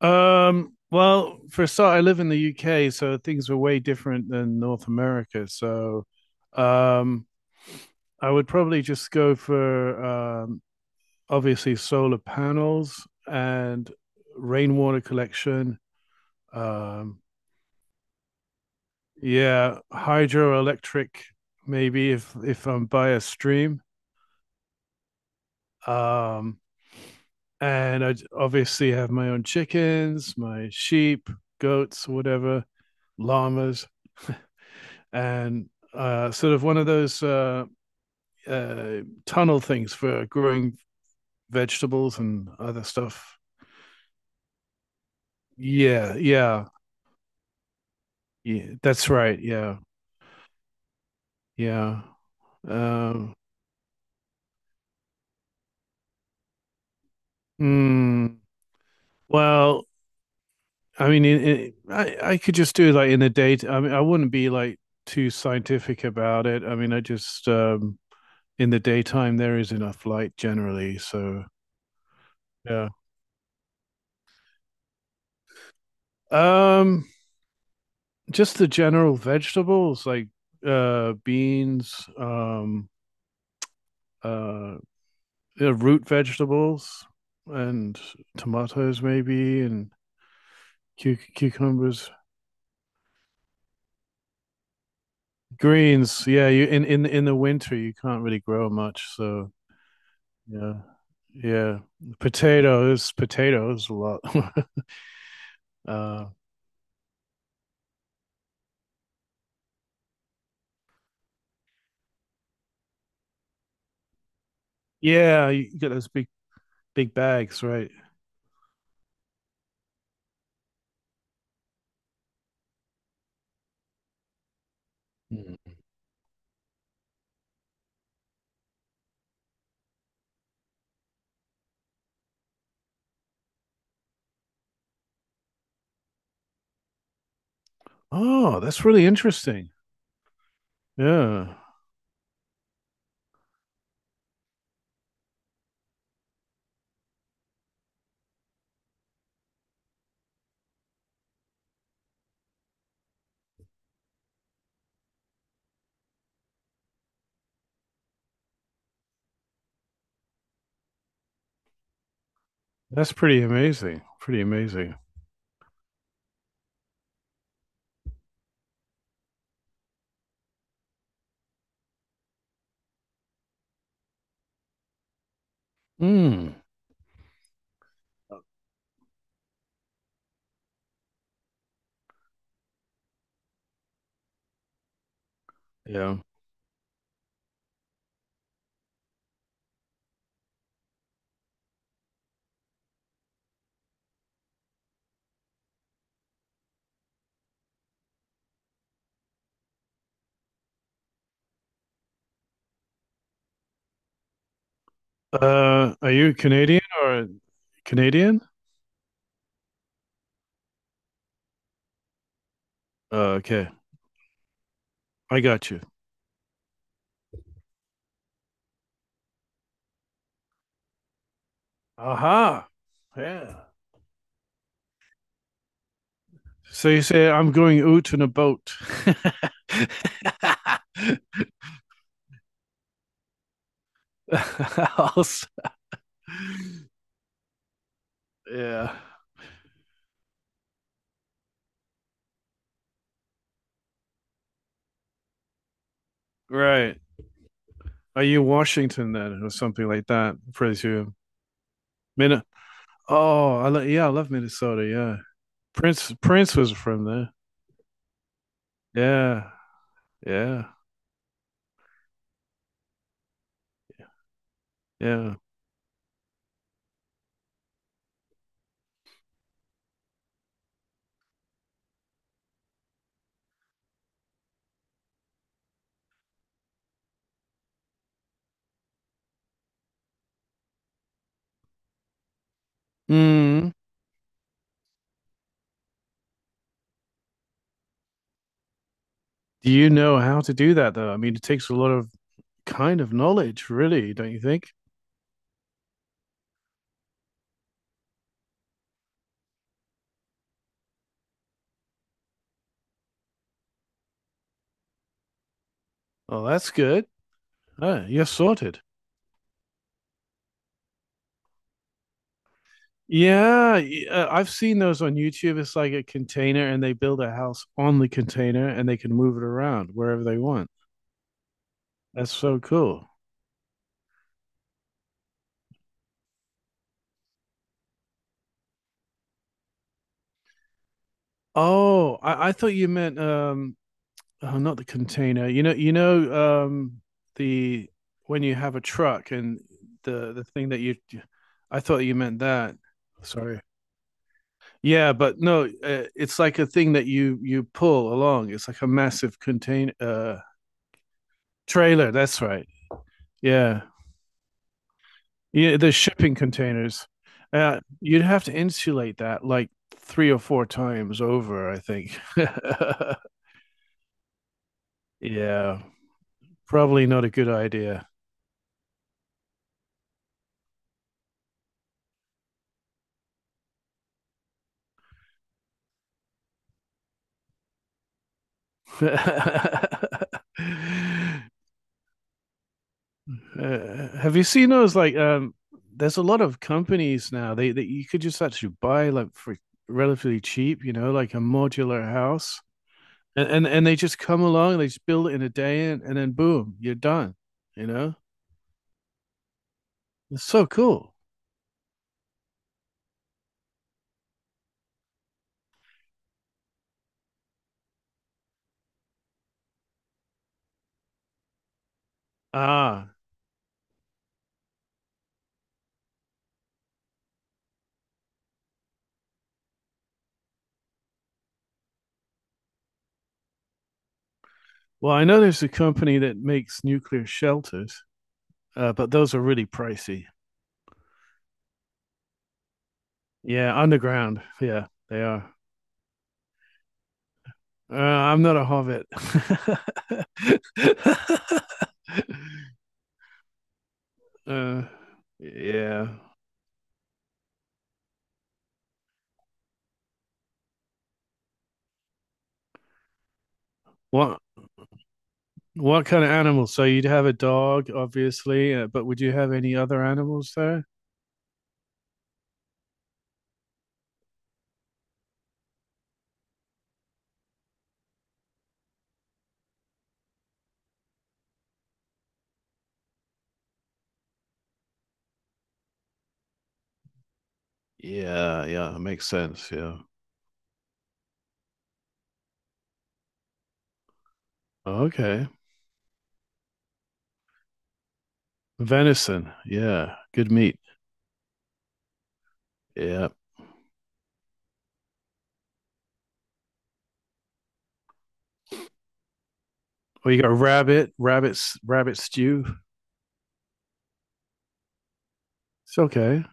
Well, for a start, I live in the UK, so things were way different than North America. Um, I would probably just go for obviously solar panels and rainwater collection. Um, yeah, hydroelectric, maybe if I'm by a stream. Um, and I obviously have my own chickens, my sheep, goats, whatever, llamas. And sort of one of those uh, tunnel things for growing vegetables and other stuff. Yeah, yeah, yeah, that's right. Yeah, yeah. Um, mm, well, I mean, I could just do like in the day. I mean, I wouldn't be like too scientific about it. I mean, I just in the daytime there is enough light generally, so yeah. Um, just the general vegetables like beans, uh yeah, root vegetables and tomatoes maybe and cucumbers, greens, yeah, you in the winter you can't really grow much, so yeah, yeah, potatoes a lot. uh yeah, you got those big bags, right? Mm. Oh, that's really interesting. Yeah, that's pretty amazing. Mm. Yeah. Are you Canadian or Canadian? Okay, I got you. Aha. Yeah. So you say I'm going out in a boat. Also, yeah. Right. Are you Washington then, or something like that? Presume. Min- oh, I yeah, I love Minnesota. Yeah. Prince was from there. Yeah. Yeah. Yeah. Mm. Do you know how to do that though? I mean, it takes a lot of kind of knowledge, really, don't you think? Oh, that's good. Oh, you're sorted. Yeah, I've seen those on YouTube. It's like a container, and they build a house on the container, and they can move it around wherever they want. That's so cool. Oh, I thought you meant oh, not the container. The when you have a truck and the thing that you, I thought you meant that. Sorry. Yeah, but no, it's like a thing that you pull along. It's like a massive contain trailer. That's right. Yeah, yeah. The shipping containers. You'd have to insulate that like three or four times over, I think. Yeah, probably not a good idea. Have you seen those like there's a lot of companies now they that you could just actually buy like for relatively cheap, you know, like a modular house. And they just come along, they just build it in a day, and then boom, you're done. You know? It's so cool. Ah. Well, I know there's a company that makes nuclear shelters, but those are really pricey. Yeah, underground. Yeah, they are. I'm not a hobbit. Uh, yeah. What what kind of animals? So you'd have a dog, obviously, but would you have any other animals there? Yeah, yeah, makes sense. Yeah. Okay. Venison. Yeah, good meat. Yeah. Well, you got rabbit, rabbits, rabbit stew. It's okay.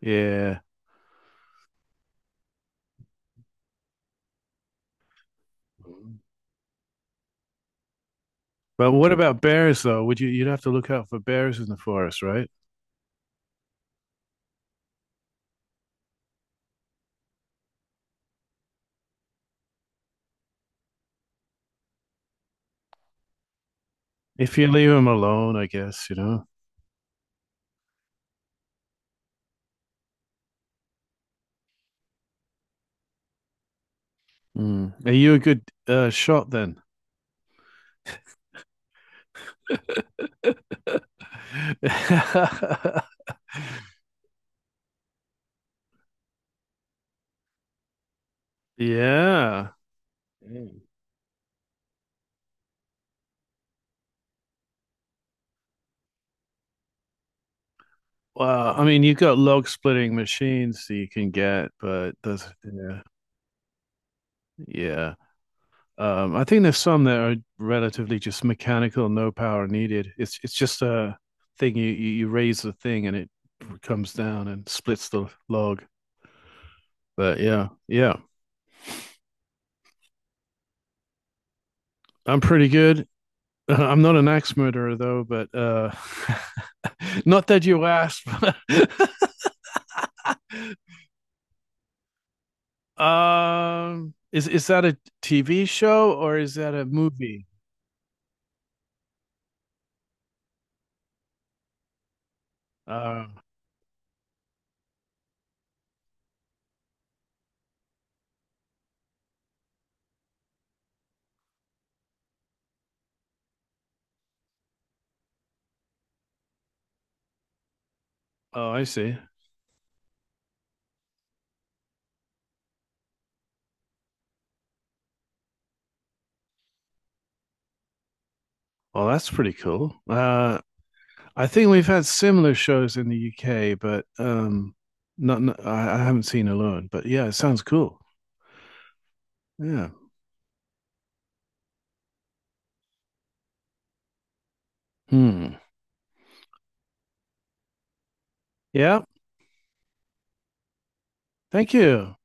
Yeah. But what about bears though? Would you'd have to look out for bears in the forest, right? If you leave them alone, I guess, you know. Mm. Are you a good shot then? Yeah. Mm. Well, I mean, you've got log splitting machines that you can get, but those, yeah, yeah. I think there's some that are relatively just mechanical, no power needed. It's just a thing you raise the thing and it comes down and splits the log. But yeah, yeah, I'm pretty good. I'm not an axe murderer though, but not that you asked. Is that a TV show or is that a movie? Uh, oh, I see. Well, that's pretty cool. I think we've had similar shows in the UK, but I haven't seen Alone. But yeah, it sounds cool. Yeah. Hmm. Yeah. Thank you.